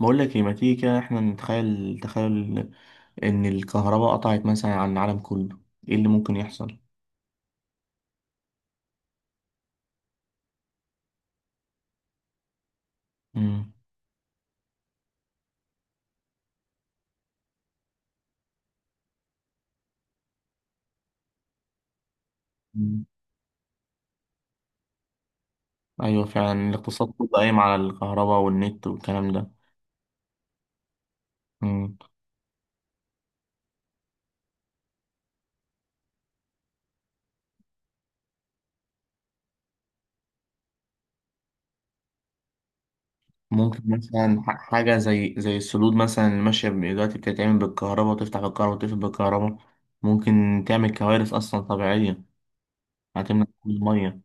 بقول لك ايه؟ ما تيجي كده، احنا نتخيل. تخيل الكهرباء قطعت مثلا عن العالم كله. ايه اللي ممكن يحصل؟ امم ايوه فعلا، الاقتصاد كله قايم على الكهرباء والنت والكلام ده. مم. ممكن مثلا حاجه زي السدود مثلا، اللي ماشيه دلوقتي بتتعمل بالكهرباء وتفتح بالكهرباء وتقفل بالكهرباء. ممكن تعمل كوارث اصلا طبيعيه، هتمنع كل الميه.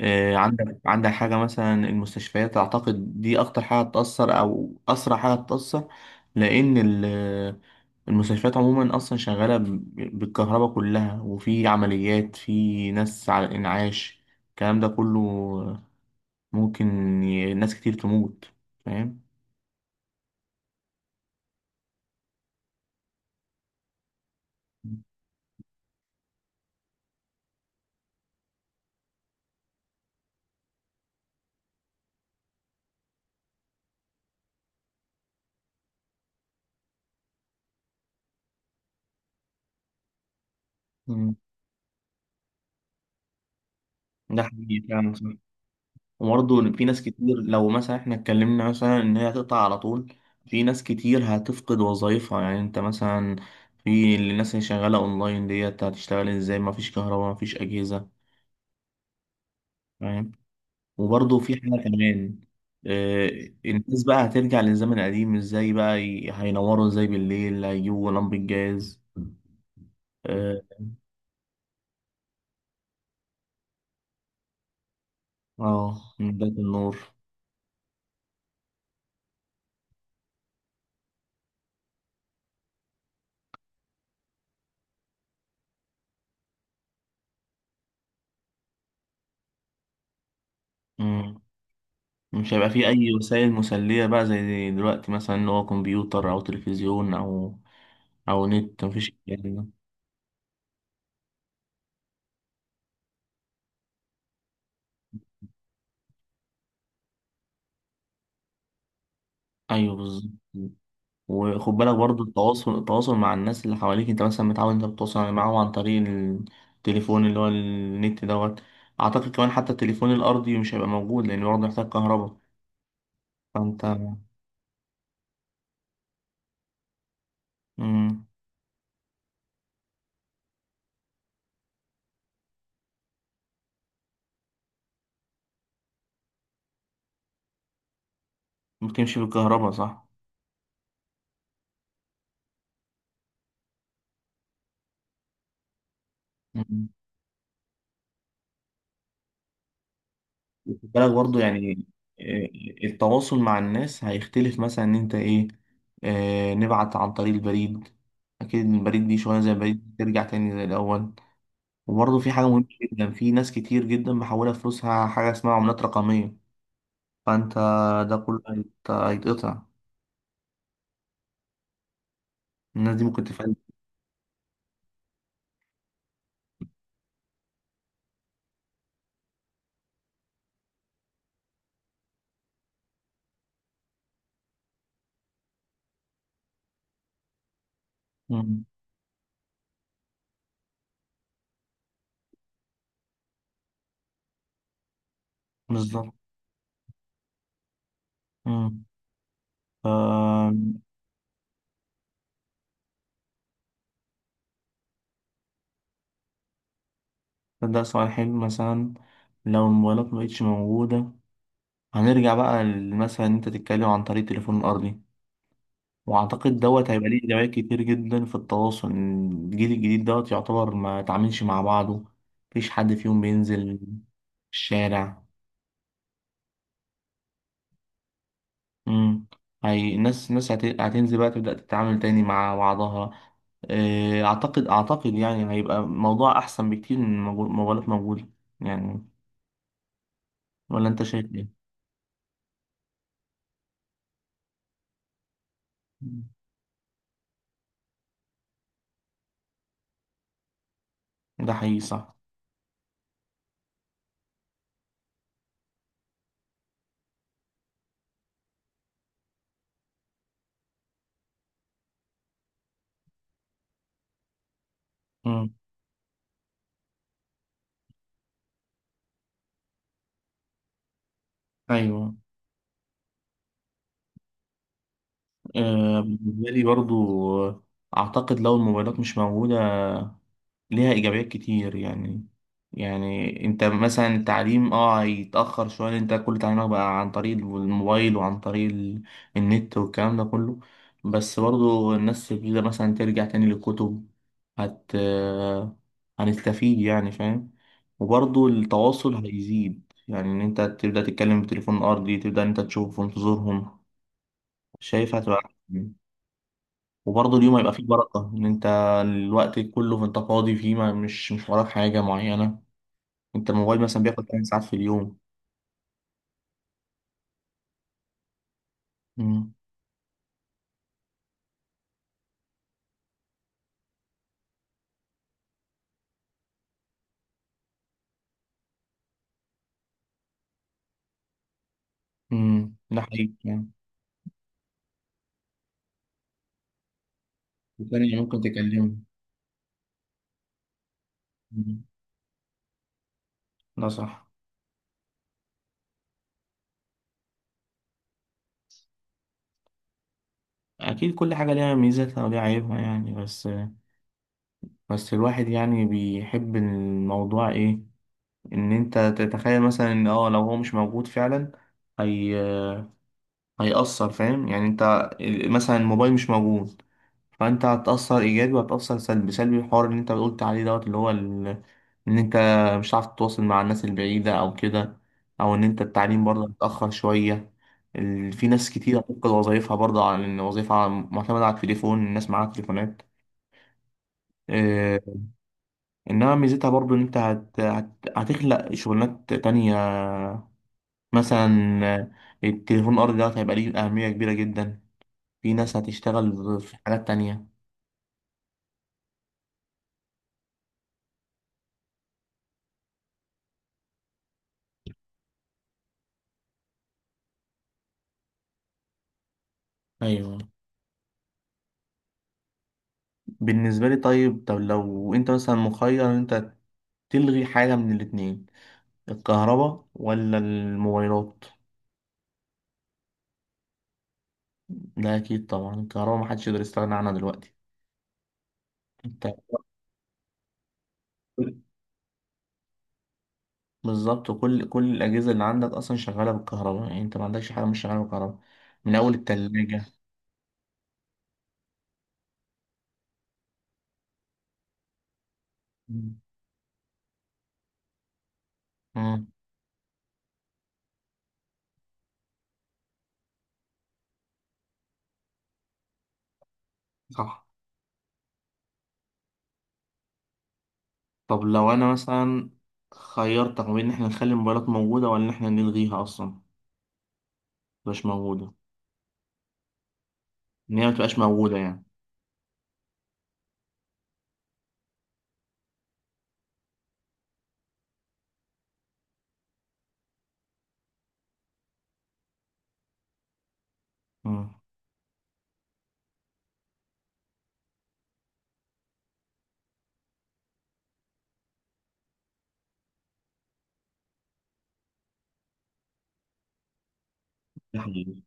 عندك حاجة مثلا المستشفيات، أعتقد دي أكتر حاجة تأثر أو أسرع حاجة تأثر. لأن ال- المستشفيات عموما أصلا شغالة بالكهرباء كلها، وفي عمليات، في ناس على الإنعاش، الكلام ده كله. ممكن ناس كتير تموت. فاهم؟ مم. ده حقيقي فعلا، صح. وبرضه إن في ناس كتير، لو مثلا احنا اتكلمنا مثلا ان هي هتقطع على طول، في ناس كتير هتفقد وظايفها. يعني انت مثلا في الناس اللي شغالة اونلاين ديت، هتشتغل ازاي؟ مفيش كهرباء، مفيش اجهزة. فاهم. وبرضه في حاجة كمان. آه، الناس بقى هترجع للزمن القديم ازاي بقى؟ هينوروا ازاي بالليل؟ هيجيبوا لمبة جاز. اه. من بداية النور. مم. مش هيبقى في أي وسائل مسلية بقى زي دلوقتي، مثلا اللي هو كمبيوتر أو تلفزيون أو او نت. مفيش الكلام ده. ايوه بالظبط. وخد بالك برضو، التواصل مع الناس اللي حواليك. انت مثلا متعود انت بتتواصل يعني معاهم عن طريق التليفون اللي هو النت دوت. اعتقد كمان حتى التليفون الارضي مش هيبقى موجود، لان برضه محتاج كهرباء. فانت مم. بتمشي بالكهرباء، صح. مم. وخد بالك برضو يعني، آه، التواصل مع الناس هيختلف. مثلا ان انت ايه، نبعت عن طريق البريد. اكيد البريد دي شويه، زي البريد ترجع تاني زي الاول. وبرضه في حاجة مهمة جدا، في ناس كتير جدا محولة فلوسها حاجة اسمها عملات رقمية. فأنت ده كله هيتقطع. الناس دي ممكن تفعل. مم. بالظبط. مم. ف- ده سؤال حلو. مثلا لو الموبايلات مبقتش موجودة، هنرجع بقى مثلا إن أنت تتكلم عن طريق التليفون الأرضي. وأعتقد دوت هيبقى ليه إيجابيات كتير جدا في التواصل. الجيل الجديد دوت يعتبر ما تعاملش مع بعضه، مفيش حد فيهم بينزل الشارع. امم هي الناس هتنزل بقى، تبدأ تتعامل تاني مع بعضها. اعتقد يعني هيبقى موضوع احسن بكتير من موبايلات موجودة يعني. ولا انت شايف ايه؟ مم. ده حقيقي صح. امم ايوه. بالنسبة لي برضو، آه، اعتقد لو الموبايلات مش موجودة، ليها إيجابيات كتير يعني. يعني أنت مثلا التعليم أه هيتأخر شوية، لأن أنت كل تعليمك بقى عن طريق الموبايل وعن طريق النت والكلام ده كله. بس برضو الناس تبتدي مثلا ترجع تاني للكتب. هت هنستفيد يعني، فاهم. وبرضو التواصل هيزيد، يعني إن أنت تبدأ تتكلم بتليفون أرضي، تبدأ إن أنت تشوف في انتظارهم. شايف هتبقى أحسن. وبرضه اليوم هيبقى فيه بركة، إن أنت الوقت كله أنت فاضي فيه، ما مش وراك حاجة معينة. أنت الموبايل مثلا بياخد 8 ساعات في اليوم. امم امم ده حقيقي يعني. وثانية ممكن تكلمه. مم. ده صح. أكيد كل حاجة ليها ميزاتها وليها عيوبها يعني، بس الواحد يعني بيحب الموضوع إيه، إن أنت تتخيل مثلا إن أه لو هو مش موجود فعلا، هي هيأثر. فاهم يعني أنت مثلا الموبايل مش موجود، فانت هتأثر ايجابي وهتأثر سلبي. الحوار اللي انت قلت عليه دوت اللي هو ال... ان انت مش عارف تتواصل مع الناس البعيدة او كده، او ان انت التعليم برضه هيتأخر شوية. ال... في ناس كتير هتفقد وظايفها برضه، على ان وظيفة معتمدة على التليفون، الناس معاها تليفونات. إيه... انما ميزتها برضه ان انت هت... هت... هتخلق شغلانات تانية. مثلا التليفون الارضي دوت هيبقى ليه أهمية كبيرة جدا. في ناس هتشتغل في حاجات تانية. ايوه بالنسبة لي. طيب، طب لو انت مثلا مخير ان انت تلغي حاجة من الاتنين، الكهرباء ولا الموبايلات؟ لا اكيد طبعا الكهرباء، محدش يقدر يستغنى عنها دلوقتي. انت بالظبط، كل الاجهزة اللي عندك اصلا شغالة بالكهرباء، يعني انت ما عندكش حاجة مش شغالة بالكهرباء، من اول التلاجة. مم. مم. صح. طب لو انا مثلا خيرتك ما بين ان احنا نخلي الموبايلات موجودة، ولا ان احنا نلغيها اصلا مش موجودة، ان هي ما تبقاش موجودة يعني. مم.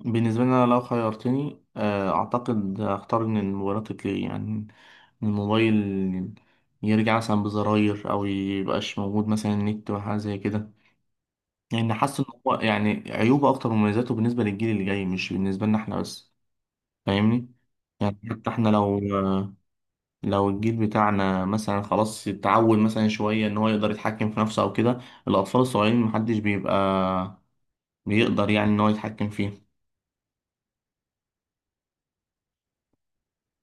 بالنسبة لي أنا، لو خيرتني، أعتقد هختار إن الموبايلات تتلغي يعني، إن الموبايل يرجع مثلا بزراير أو ميبقاش موجود مثلا النت وحاجة زي كده. يعني حاسس إن هو يعني عيوبه أكتر من مميزاته، بالنسبة للجيل اللي جاي، مش بالنسبة لنا إحنا بس. فاهمني؟ يعني حتى إحنا لو الجيل بتاعنا مثلا خلاص اتعود مثلا شوية إن هو يقدر يتحكم في نفسه أو كده. الأطفال الصغيرين محدش بيبقى بيقدر يعني إن هو يتحكم فيه.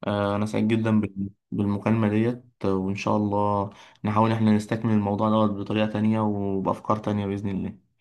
أنا سعيد جدا بالمكالمة ديت، وإن شاء الله نحاول إحنا نستكمل الموضوع دوت بطريقة تانية وبأفكار تانية بإذن الله.